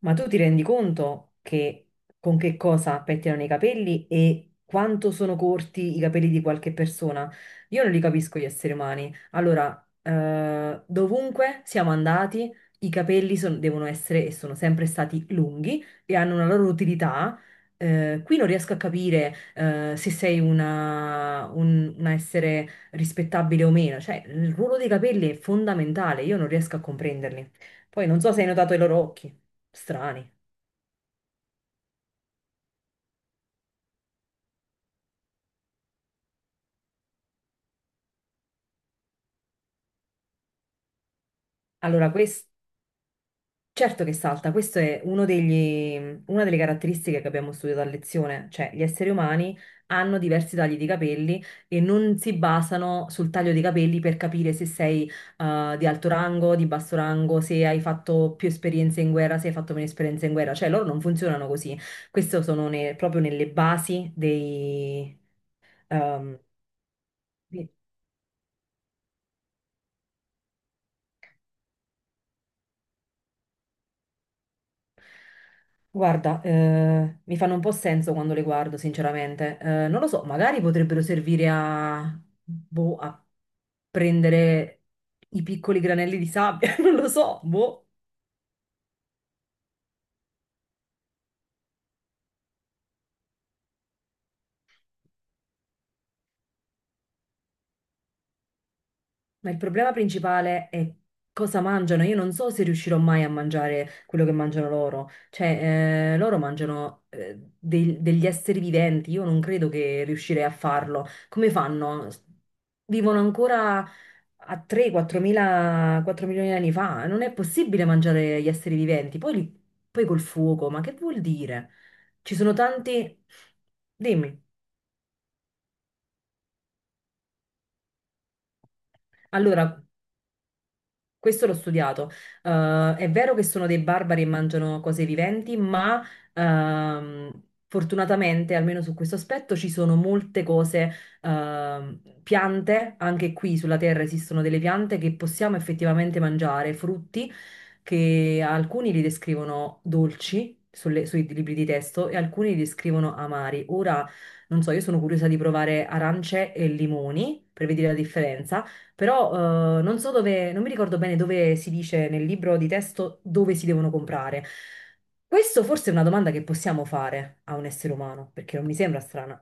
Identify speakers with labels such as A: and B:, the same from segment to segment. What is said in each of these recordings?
A: Ma tu ti rendi conto che con che cosa pettinano i capelli e quanto sono corti i capelli di qualche persona? Io non li capisco gli esseri umani. Allora, dovunque siamo andati, i capelli devono essere e sono sempre stati lunghi e hanno una loro utilità. Qui non riesco a capire, se sei una, un essere rispettabile o meno. Cioè, il ruolo dei capelli è fondamentale, io non riesco a comprenderli. Poi non so se hai notato i loro occhi. Strani. Allora, questo certo che salta, questo è una delle caratteristiche che abbiamo studiato a lezione, cioè gli esseri umani hanno diversi tagli di capelli e non si basano sul taglio dei capelli per capire se sei di alto rango, di basso rango, se hai fatto più esperienze in guerra, se hai fatto meno esperienze in guerra, cioè loro non funzionano così. Queste sono proprio nelle basi dei, ehm, guarda, mi fanno un po' senso quando le guardo, sinceramente. Non lo so, magari potrebbero servire a, boh, a prendere i piccoli granelli di sabbia, non lo so, boh. Ma il problema principale è cosa mangiano. Io non so se riuscirò mai a mangiare quello che mangiano loro. Cioè, loro mangiano degli esseri viventi. Io non credo che riuscirei a farlo. Come fanno? Vivono ancora a 3-4 mila, 4 milioni di anni fa. Non è possibile mangiare gli esseri viventi. Poi col fuoco, ma che vuol dire? Ci sono tanti... Dimmi. Allora, questo l'ho studiato. È vero che sono dei barbari e mangiano cose viventi, ma fortunatamente, almeno su questo aspetto, ci sono molte cose, piante, anche qui sulla Terra esistono delle piante che possiamo effettivamente mangiare, frutti che alcuni li descrivono dolci. Sui libri di testo e alcuni li descrivono amari. Ora, non so, io sono curiosa di provare arance e limoni per vedere la differenza però non so dove, non mi ricordo bene dove si dice nel libro di testo dove si devono comprare. Questo forse è una domanda che possiamo fare a un essere umano, perché non mi sembra strana.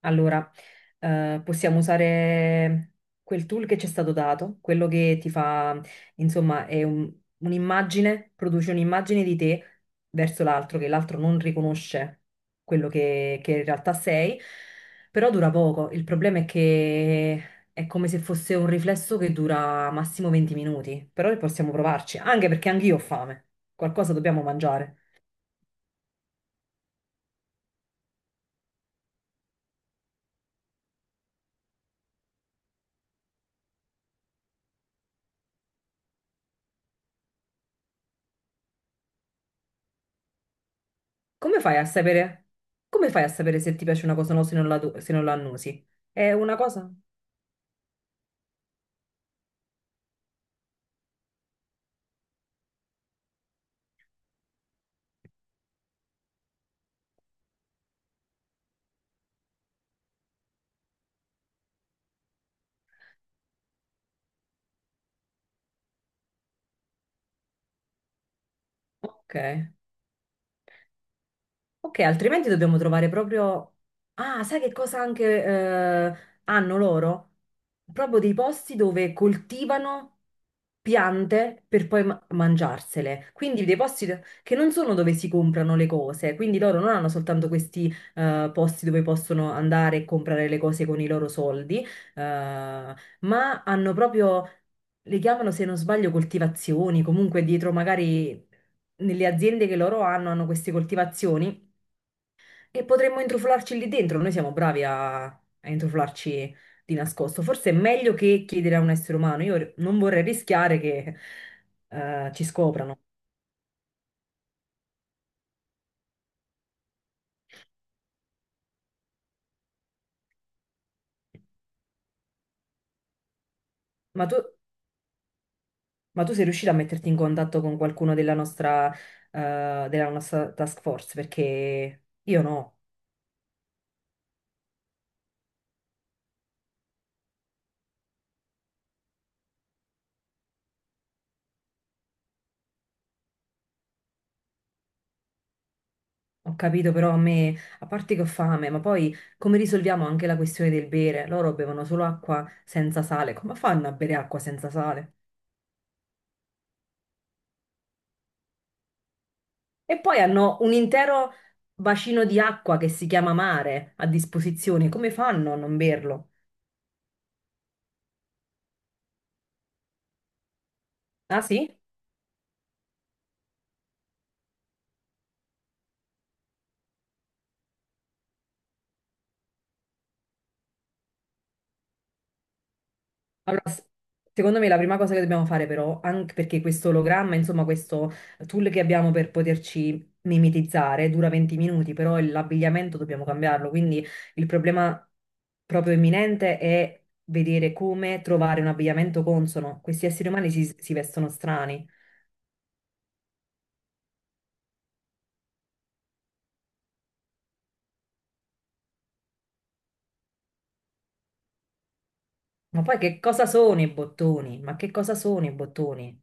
A: Allora, possiamo usare quel tool che ci è stato dato, quello che ti fa, insomma, è un'immagine, produce un'immagine di te verso l'altro, che l'altro non riconosce quello che in realtà sei, però dura poco. Il problema è che è come se fosse un riflesso che dura massimo 20 minuti, però possiamo provarci, anche perché anch'io ho fame, qualcosa dobbiamo mangiare. Come fai a sapere? Come fai a sapere se ti piace una cosa o no se non se non la annusi? È una cosa? Ok. Ok, altrimenti dobbiamo trovare proprio... Ah, sai che cosa anche hanno loro? Proprio dei posti dove coltivano piante per poi mangiarsele. Quindi dei posti che non sono dove si comprano le cose. Quindi loro non hanno soltanto questi posti dove possono andare e comprare le cose con i loro soldi, eh, ma hanno proprio... Le chiamano, se non sbaglio, coltivazioni, comunque dietro magari nelle aziende che loro hanno, hanno queste coltivazioni e potremmo intrufolarci lì dentro, noi siamo bravi a intrufolarci di nascosto. Forse è meglio che chiedere a un essere umano. Io non vorrei rischiare che ci scoprano. Ma tu, ma tu sei riuscita a metterti in contatto con qualcuno della nostra task force? Perché io no. Ho capito, però a me, a parte che ho fame, ma poi come risolviamo anche la questione del bere? Loro bevono solo acqua senza sale. Come fanno a bere acqua senza sale? E poi hanno un intero bacino di acqua che si chiama mare a disposizione. Come fanno a non berlo? Ah sì? Allora, secondo me la prima cosa che dobbiamo fare però, anche perché questo ologramma, insomma questo tool che abbiamo per poterci mimetizzare dura 20 minuti, però l'abbigliamento dobbiamo cambiarlo, quindi il problema proprio imminente è vedere come trovare un abbigliamento consono. Questi esseri umani si vestono strani. Ma poi che cosa sono i bottoni? Ma che cosa sono i bottoni?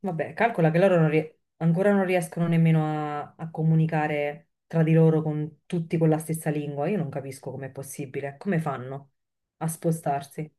A: Vabbè, calcola che loro non rie- ancora non riescono nemmeno a comunicare tra di loro con tutti con la stessa lingua. Io non capisco com'è possibile. Come fanno a spostarsi?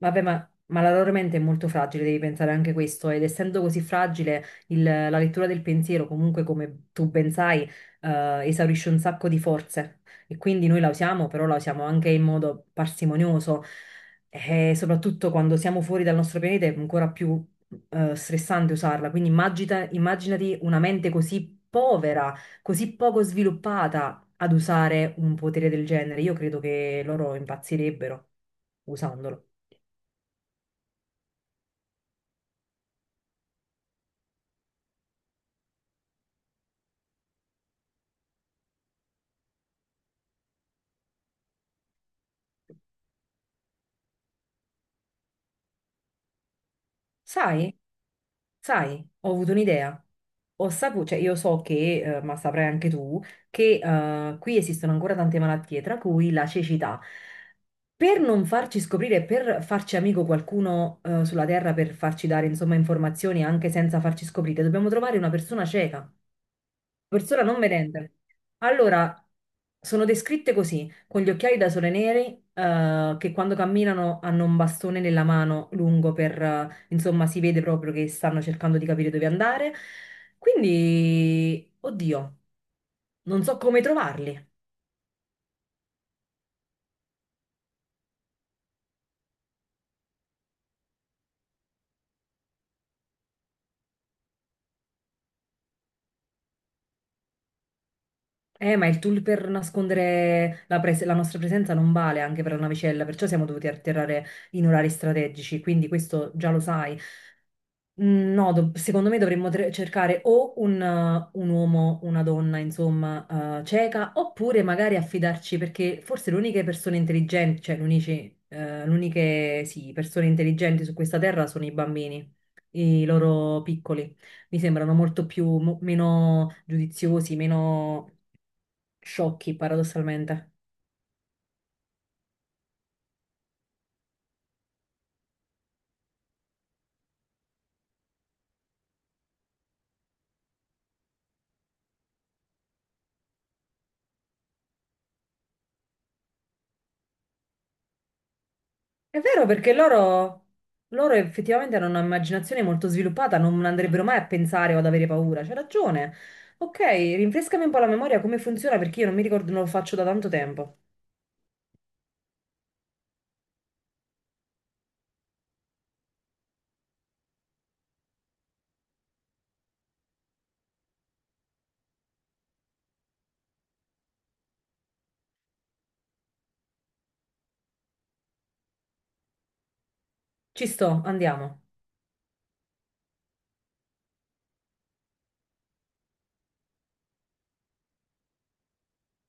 A: Vabbè, ma la loro mente è molto fragile, devi pensare anche questo, ed essendo così fragile, la lettura del pensiero, comunque, come tu ben sai, esaurisce un sacco di forze e quindi noi la usiamo, però la usiamo anche in modo parsimonioso e soprattutto quando siamo fuori dal nostro pianeta è ancora più, stressante usarla. Quindi immaginati una mente così povera, così poco sviluppata ad usare un potere del genere. Io credo che loro impazzirebbero usandolo. Sai, sai, ho avuto un'idea. Ho saputo, cioè io so che, ma saprai anche tu, che qui esistono ancora tante malattie, tra cui la cecità. Per non farci scoprire, per farci amico qualcuno sulla Terra, per farci dare, insomma, informazioni anche senza farci scoprire, dobbiamo trovare una persona cieca, persona non vedente. Allora, sono descritte così, con gli occhiali da sole neri, che quando camminano hanno un bastone nella mano lungo per, insomma, si vede proprio che stanno cercando di capire dove andare. Quindi, oddio, non so come trovarli. Ma il tool per nascondere la nostra presenza non vale anche per la navicella, perciò siamo dovuti atterrare in orari strategici, quindi questo già lo sai. Mm, no, secondo me dovremmo cercare o un uomo, una donna, insomma, cieca, oppure magari affidarci, perché forse le uniche persone intelligenti, le uniche, sì, persone intelligenti su questa terra sono i bambini, i loro piccoli. Mi sembrano molto più, meno giudiziosi, meno sciocchi, paradossalmente. È vero perché loro effettivamente hanno un'immaginazione molto sviluppata, non andrebbero mai a pensare o ad avere paura. C'è ragione. Ok, rinfrescami un po' la memoria come funziona perché io non mi ricordo, non lo faccio da tanto tempo. Ci sto, andiamo.